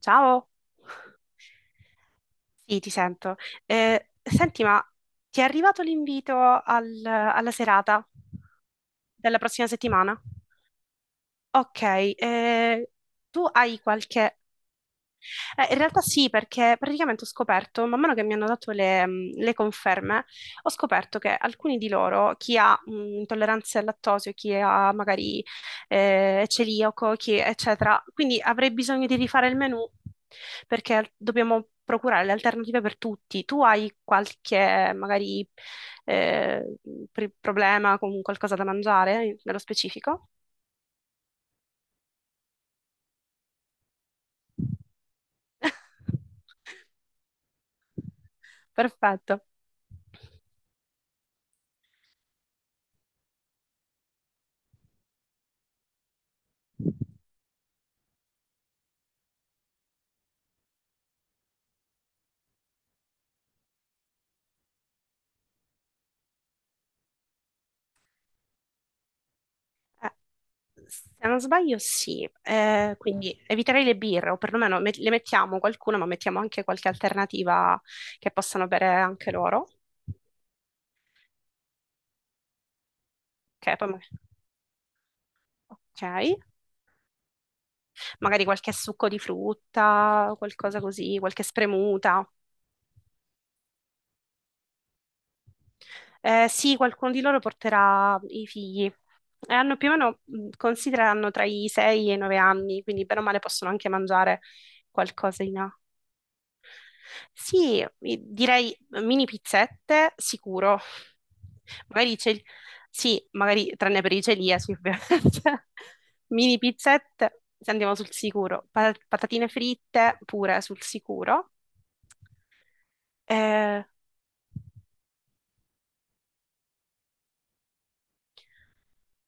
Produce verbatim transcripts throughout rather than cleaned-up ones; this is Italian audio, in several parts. Ciao, sì, ti sento. Eh, senti, ma ti è arrivato l'invito al- alla serata della prossima settimana? Ok, eh, tu hai qualche. Eh, in realtà sì, perché praticamente ho scoperto, man mano che mi hanno dato le, mh, le conferme, ho scoperto che alcuni di loro, chi ha mh, intolleranze al lattosio, chi ha magari eh, celiaco, chi, eccetera, quindi avrei bisogno di rifare il menù perché dobbiamo procurare le alternative per tutti. Tu hai qualche magari eh, pri- problema con qualcosa da mangiare, nello specifico? Perfetto. Se non sbaglio, sì. Eh, quindi eviterei le birre, o perlomeno met- le mettiamo qualcuna, ma mettiamo anche qualche alternativa che possano bere anche loro. Ok, poi ma- ok. Magari qualche succo di frutta, qualcosa così, qualche spremuta. Eh, sì, qualcuno di loro porterà i figli. E hanno più o meno, mh, considerano tra i sei e i nove anni, quindi bene o male possono anche mangiare qualcosina. Sì, mi- direi mini pizzette, sicuro. Magari c'è. Sì, magari tranne per i celiaci, ovviamente. Mini pizzette, se andiamo sul sicuro. Pa- patatine fritte, pure sul sicuro. Eh,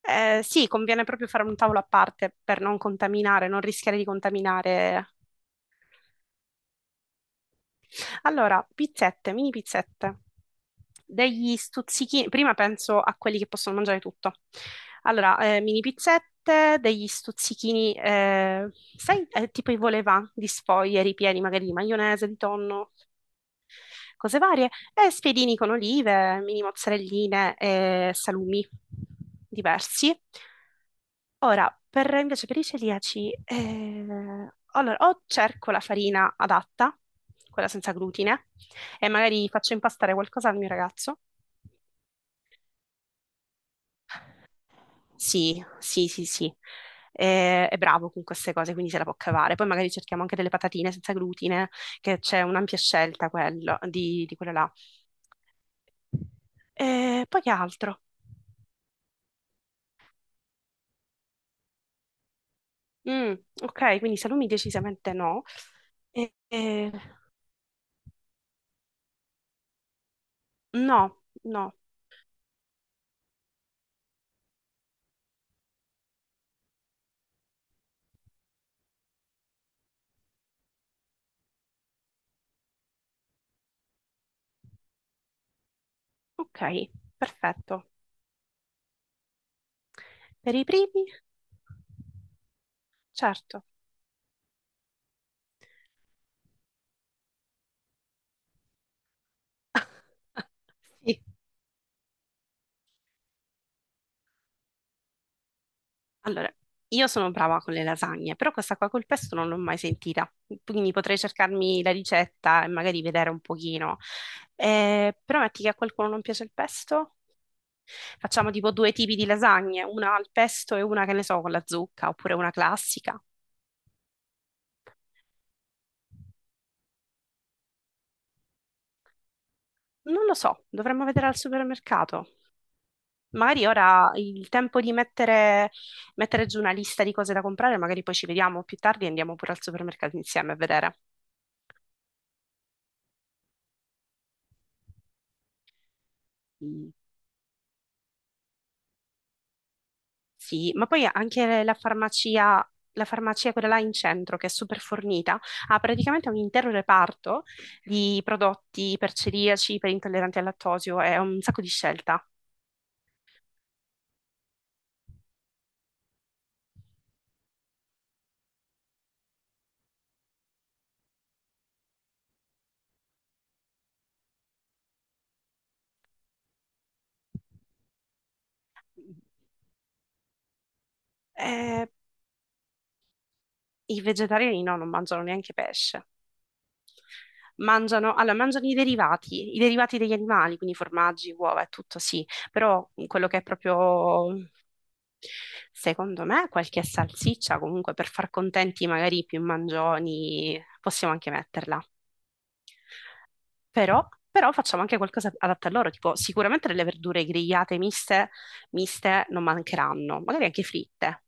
eh, sì, conviene proprio fare un tavolo a parte per non contaminare, non rischiare di contaminare. Allora, pizzette, mini pizzette, degli stuzzichini, prima penso a quelli che possono mangiare tutto. Allora, eh, mini pizzette, degli stuzzichini, eh, sai, eh, tipo i volevà di sfoglie ripieni magari di maionese, di tonno, cose varie, e spiedini con olive, mini mozzarelline e salumi diversi. Ora, per, invece per i celiaci, eh, allora, o cerco la farina adatta, quella senza glutine, e magari faccio impastare qualcosa al mio ragazzo. Sì, sì, sì, sì. Eh, è bravo con queste cose, quindi se la può cavare. Poi magari cerchiamo anche delle patatine senza glutine, che c'è un'ampia scelta quello- di, di quello là. Eh, poi che altro? Mm, ok, quindi salumi decisamente no. Eh, eh, no, no. Ok, perfetto. Per i primi? Certo. Sì. Allora, io sono brava con le lasagne, però questa qua col pesto non l'ho mai sentita, quindi potrei cercarmi la ricetta e magari vedere un pochino. Eh, però metti che a qualcuno non piace il pesto, facciamo tipo due tipi di lasagne, una al pesto e una che ne so con la zucca, oppure una classica. Non lo so, dovremmo vedere al supermercato. Magari ora il tempo di mettere, mettere giù una lista di cose da comprare, magari poi ci vediamo più tardi e andiamo pure al supermercato insieme a vedere. Sì, ma poi anche la farmacia, la farmacia quella là in centro, che è super fornita, ha praticamente un intero reparto di prodotti per celiaci, per intolleranti al lattosio, è un sacco di scelta. Eh, I vegetariani no, non mangiano neanche pesce. Mangiano, allora, mangiano i derivati, i derivati degli animali, quindi formaggi, uova e tutto, sì, però quello che è proprio, secondo me, qualche salsiccia, comunque per far contenti magari i più mangioni, possiamo anche metterla. Però, però facciamo anche qualcosa adatto a loro, tipo sicuramente delle verdure grigliate miste, miste non mancheranno, magari anche fritte.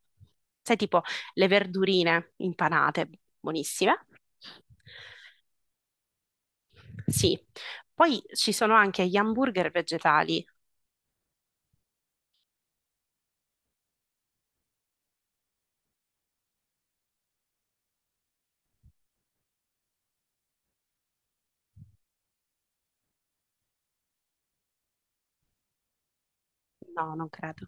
Sai, tipo le verdurine impanate, buonissime. Sì. Poi ci sono anche gli hamburger vegetali. No, non credo.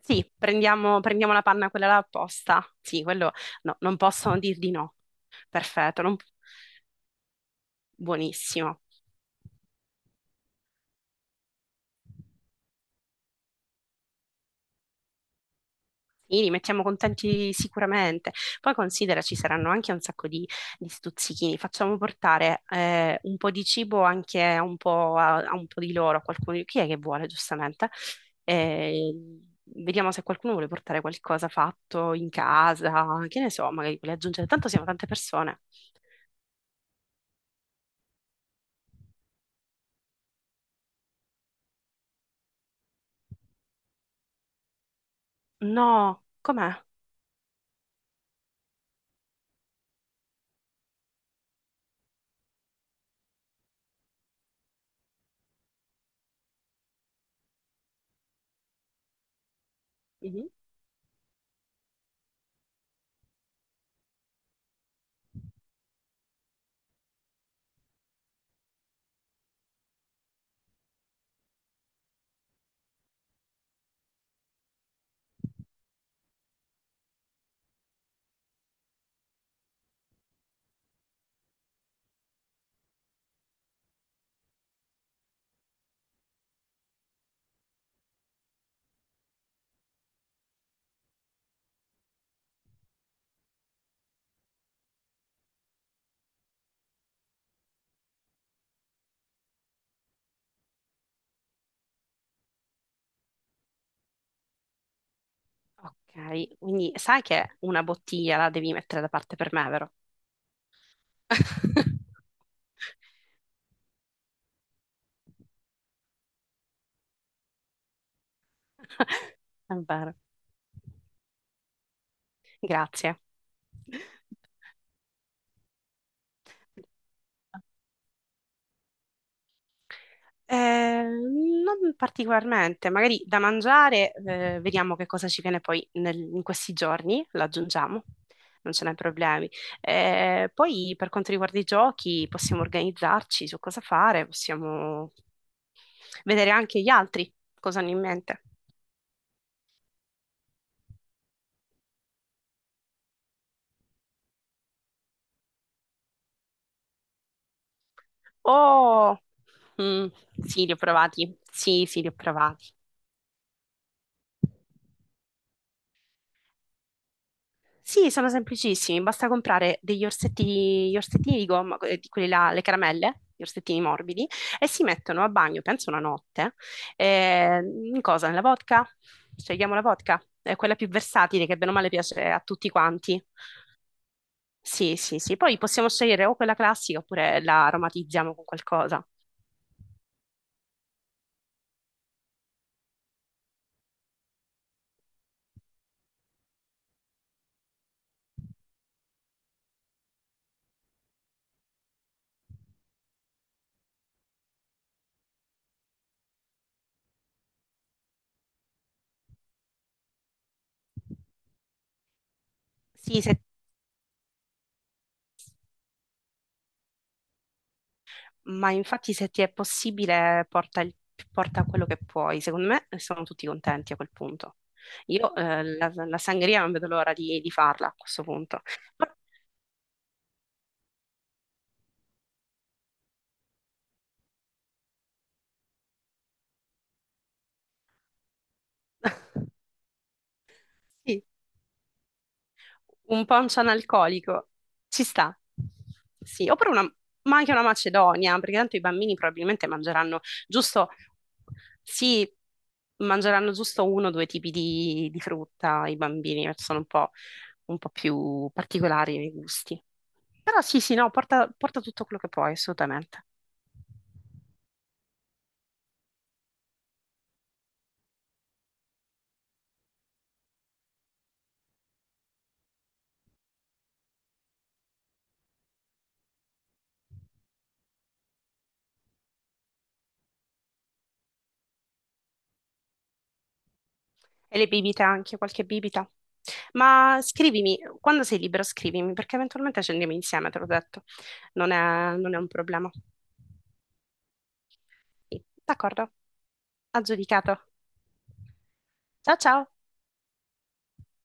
Sì, prendiamo, prendiamo la panna quella là apposta. Sì, quello no, non possono dir di no. Perfetto, non- buonissimo. Li mettiamo contenti sicuramente. Poi considera ci saranno anche un sacco di, di stuzzichini. Facciamo portare eh, un po' di cibo anche a un po', a, a un po' di loro, a qualcuno. Chi è che vuole, giustamente? Eh, Vediamo se qualcuno vuole portare qualcosa fatto in casa, che ne so, magari vuole aggiungere. Tanto siamo tante persone. No, com'è? Mhm. Ok, quindi sai che una bottiglia la devi mettere da parte per me, vero? È vero. Grazie. Eh, non particolarmente, magari da mangiare, eh, vediamo che cosa ci viene poi nel- in questi giorni, lo aggiungiamo, non ce n'è problemi. Eh, poi per quanto riguarda i giochi, possiamo organizzarci su cosa fare, possiamo vedere anche gli altri cosa hanno in mente. Oh, mm, sì, li ho provati, sì, sì, li ho provati. Sì, sono semplicissimi, basta comprare degli orsetti, gli orsettini di gomma, que- di quelli là, le caramelle, gli orsettini morbidi, e si mettono a bagno, penso una notte, eh, in cosa? Nella vodka? Scegliamo la vodka, è quella più versatile, che bene o male piace a tutti quanti. Sì, sì, sì, poi possiamo scegliere o quella classica oppure la aromatizziamo con qualcosa. Sì, se. Ma infatti se ti è possibile porta, il- porta quello che puoi, secondo me eh, sono tutti contenti a quel punto. Io eh, la, la sangria non vedo l'ora di, di farla a questo punto. Ma- Sì. Un poncio analcolico, ci sta. Sì, oppure una, ma anche una macedonia, perché tanto i bambini probabilmente mangeranno giusto, sì, mangeranno giusto uno o due tipi di, di frutta, i bambini, perché sono un po', un po' più particolari nei gusti. Però sì, sì, no, porta, porta tutto quello che puoi, assolutamente. E le bibite anche, qualche bibita. Ma scrivimi, quando sei libero scrivimi, perché eventualmente ci andiamo insieme, te l'ho detto. Non è, non è un problema. D'accordo, aggiudicato. Ciao ciao!